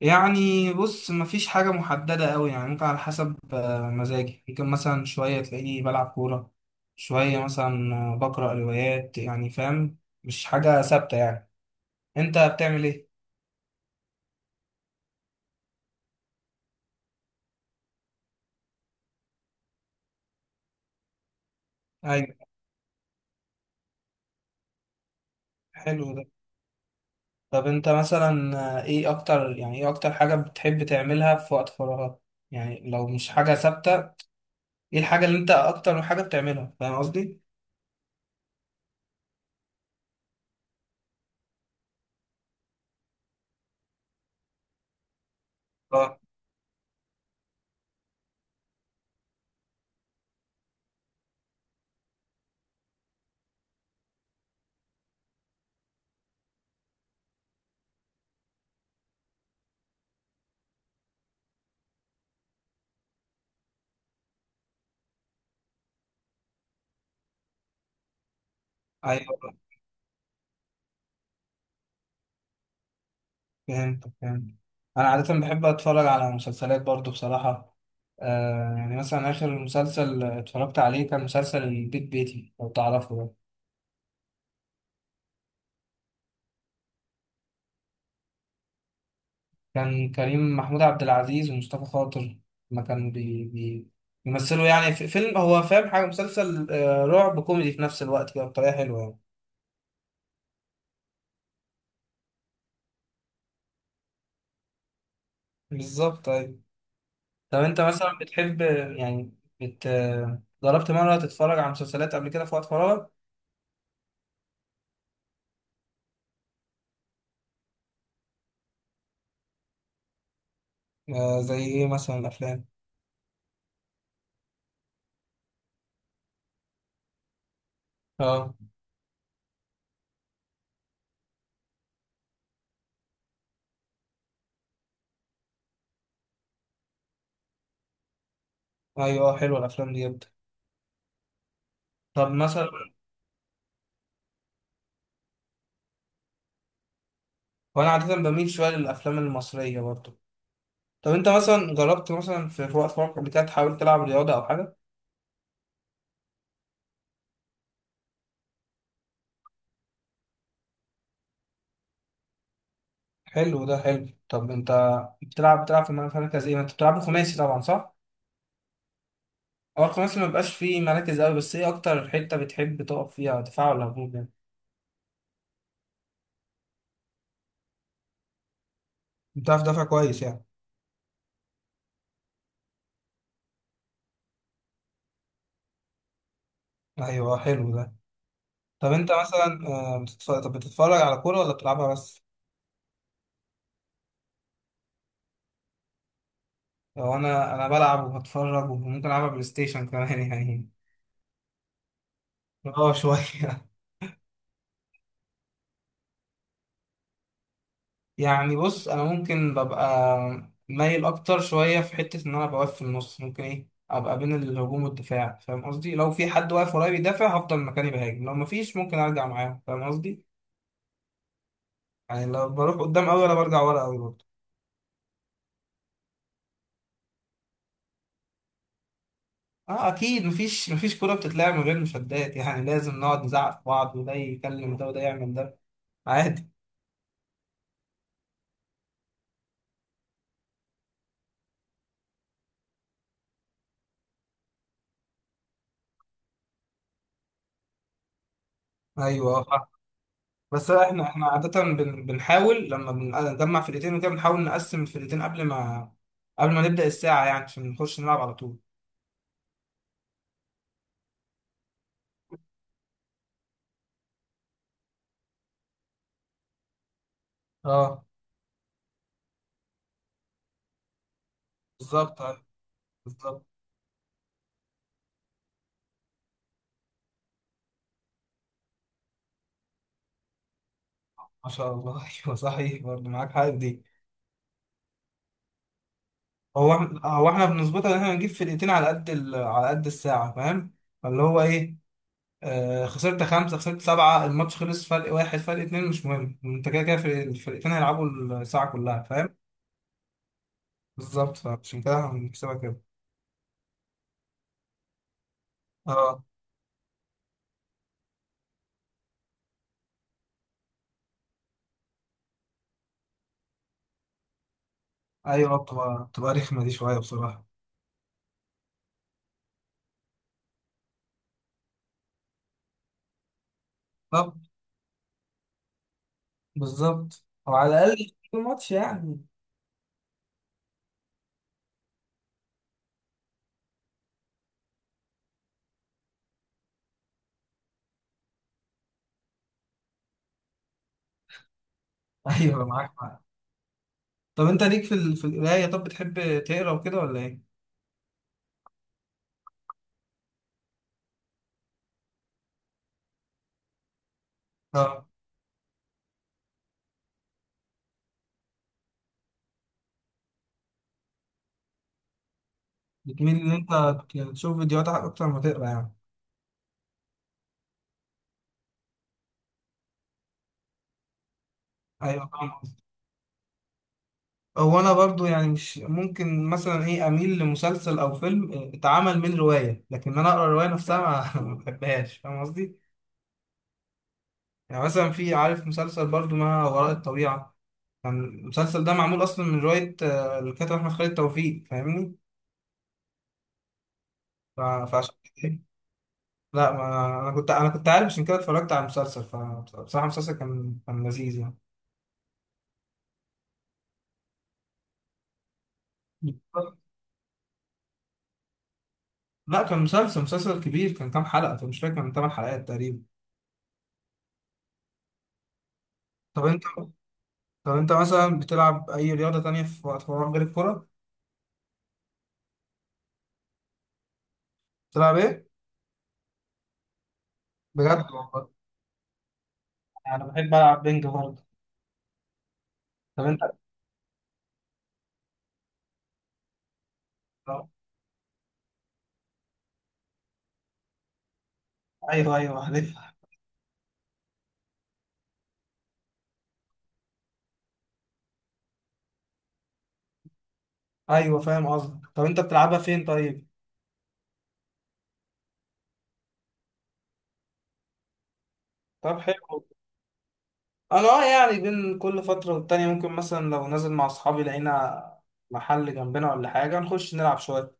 يعني بص، مفيش حاجة محددة قوي يعني. ممكن على حسب مزاجي. ممكن مثلا شوية تلاقيني بلعب كورة، شوية مثلا بقرأ روايات، يعني فاهم. مش حاجة ثابتة يعني. انت بتعمل ايه؟ ايوه، حلو ده. طب انت مثلا ايه اكتر، يعني ايه اكتر حاجة بتحب تعملها في وقت فراغك؟ يعني لو مش حاجة ثابتة. ايه الحاجة اللي انت اكتر حاجة بتعملها؟ فاهم قصدي؟ اه، ايوه، فهمت فهمت. انا عاده بحب اتفرج على مسلسلات برضو بصراحه. يعني مثلا اخر مسلسل اتفرجت عليه كان مسلسل البيت بيتي، لو تعرفه ده. كان كريم محمود عبد العزيز ومصطفى خاطر، ما كانوا بي بي بيمثلوا يعني في فيلم. هو فاهم حاجه، مسلسل رعب كوميدي في نفس الوقت، كده بطريقه حلوه يعني. بالظبط، ايوه. طب انت مثلا بتحب، يعني بت جربت مره تتفرج على مسلسلات قبل كده في وقت فراغك؟ زي ايه مثلا الافلام؟ اه، ايوه، حلوه الافلام دي جدا. طب مثلا، وانا عاده بميل شويه للافلام المصريه برضو. طب انت مثلا جربت مثلا في وقت فراغك قبل كده تحاول تلعب رياضه او حاجه؟ حلو ده حلو. طب انت بتلعب في مركز ايه؟ ما انت بتلعب خماسي طبعا، صح؟ هو الخماسي ما بيبقاش فيه مراكز قوي، بس ايه اكتر حته بتحب تقف فيها؟ دفاع ولا هجوم يعني؟ بتعرف تدافع كويس يعني. ايوه، حلو ده. طب انت مثلا طب بتتفرج على كوره ولا بتلعبها بس؟ لو انا بلعب وبتفرج، وممكن العبها بلاي ستيشن كمان يعني. اه، شويه يعني بص، انا ممكن ببقى مايل اكتر شويه في حته ان انا بوقف في النص، ممكن ايه ابقى بين الهجوم والدفاع، فاهم قصدي؟ لو في حد واقف ورايا بيدافع هفضل مكاني بهاجم، لو مفيش ممكن ارجع معاه، فاهم قصدي؟ يعني لو بروح قدام قوي ولا برجع ورا قوي برضه. اه اكيد، مفيش كوره بتتلعب من غير مشادات يعني. لازم نقعد نزعق في بعض، وده يكلم ده وده يعمل ده. عادي. ايوه. بس احنا عادة بنحاول لما بنجمع فرقتين وكده، بنحاول نقسم الفرقتين قبل ما نبدأ الساعة يعني، عشان نخش نلعب على طول. اه، بالظبط أيوة، بالظبط. ما شاء الله ايوه صحيح، برضه معاك حاجة في دي. هو احنا بنظبطها ان احنا نجيب فرقتين على قد الساعة، فاهم. فاللي هو ايه، خسرت خمسة، خسرت سبعة، الماتش خلص. فرق واحد، فرق اتنين، مش مهم. انت كده كده الفرقتين هيلعبوا الساعة كلها، فاهم. بالظبط، فعشان كده احنا بنكسبها كده. اه، ايوه. بتبقى رخمه دي شويه بصراحه. طب بالظبط، او على الاقل في ماتش يعني. ايوه معاك معاك. طب انت ليك في في القرايه، طب بتحب تقرا وكده ولا ايه؟ اه. بتميل ان انت تشوف فيديوهات اكتر ما تقرا يعني؟ ايوه فاهم قصدك. هو انا برضو يعني، مش ممكن مثلا ايه اميل لمسلسل او فيلم اتعمل من روايه، لكن انا اقرا الروايه نفسها ما ما بحبهاش، فاهم قصدي؟ يعني مثلا، في عارف مسلسل برضو ما وراء الطبيعه. كان المسلسل ده معمول اصلا من روايه الكاتب احمد خالد توفيق، فاهمني. فعشان كده. لا ما، انا كنت عارف عشان كده اتفرجت على المسلسل، فبصراحه المسلسل كان لذيذ يعني. لا كان مسلسل كبير. كان كام حلقه؟ طب مش فاكر، كان 8 حلقات تقريبا. طب انت طب انت مثلا بتلعب اي رياضه تانية في وقت فراغ غير الكوره؟ بتلعب ايه؟ بجد والله؟ انا بحب العب بينج برضه. طب انت. ايوه ايوه، عارف. ايوه فاهم قصدك. طب انت بتلعبها فين طيب؟ طب حلو. انا اه، يعني بين كل فترة والتانية ممكن مثلا لو نازل مع اصحابي لقينا محل جنبنا ولا حاجة، نخش نلعب شوية.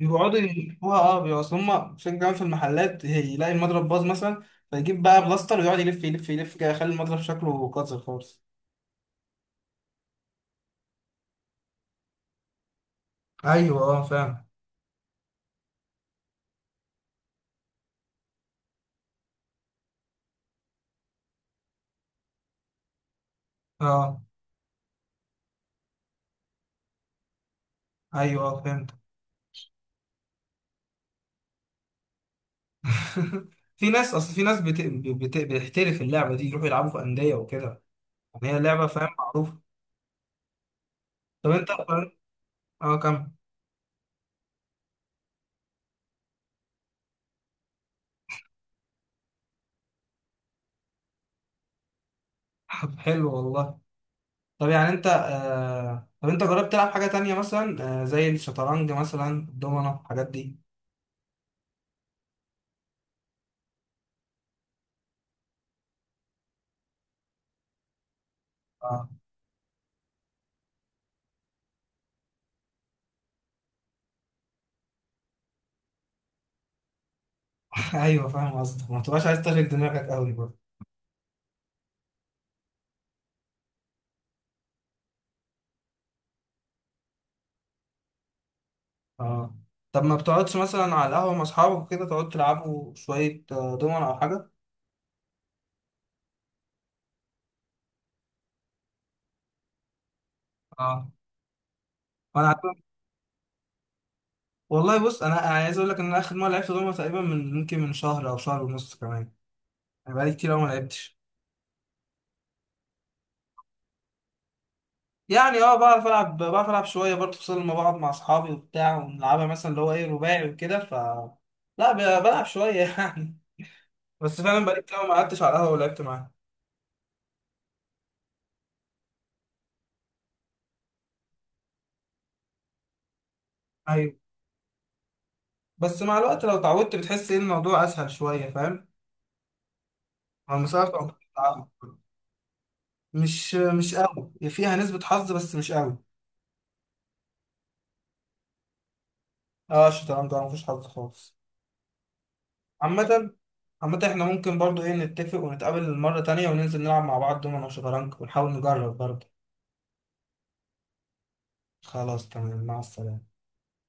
بيقعدوا يلفوها اه. بيبقوا اصل هما فين كمان، في المحلات يلاقي المضرب باظ مثلا، فيجيب بقى بلاستر ويقعد يلف يلف يلف كده، يخلي المضرب شكله قاتل خالص. ايوه اه فاهم. اه ايوه اه فهمت. في ناس، اصل في ناس بتحترف اللعبة دي، يروحوا يلعبوا في أندية وكده. يعني هي لعبة فاهم معروفة. طب انت. اه كمل. حلو والله. طب يعني انت طب انت جربت تلعب حاجة تانية مثلا زي الشطرنج مثلا، الدومنة، الحاجات دي؟ اه ايوه فاهم قصدك، ما تبقاش عايز تشغل دماغك قوي برضه. اه. طب ما بتقعدش مثلا على القهوة مع اصحابك كده، تقعد تلعبوا شوية دومنة او حاجة؟ اه. وانا عارف- والله بص، انا عايز اقول لك ان انا اخر مرة لعبت دومنة تقريبا يمكن من شهر او شهر ونص كمان. انا بقالي كتير قوي ما لعبتش. يعني اه، بعرف العب شويه برضه، خصوصا لما بقعد مع اصحابي وبتاع ونلعبها مثلا اللي هو ايه رباعي وكده ف. لا بلعب شويه يعني. بس فعلا بقالي كتير أوي ما قعدتش على القهوه ولعبت معاها. ايوه. بس مع الوقت لو اتعودت بتحس ان الموضوع اسهل شويه فاهم. على المسافه أو بتلعبها. مش قوي فيها نسبه حظ، بس مش قوي. اه الشطرنج ما فيش حظ خالص. عامه. عامة احنا ممكن برضو ايه، نتفق ونتقابل مرة تانية وننزل نلعب مع بعض دومنا وشطرنج، ونحاول نجرب برضو. خلاص تمام، مع السلامة.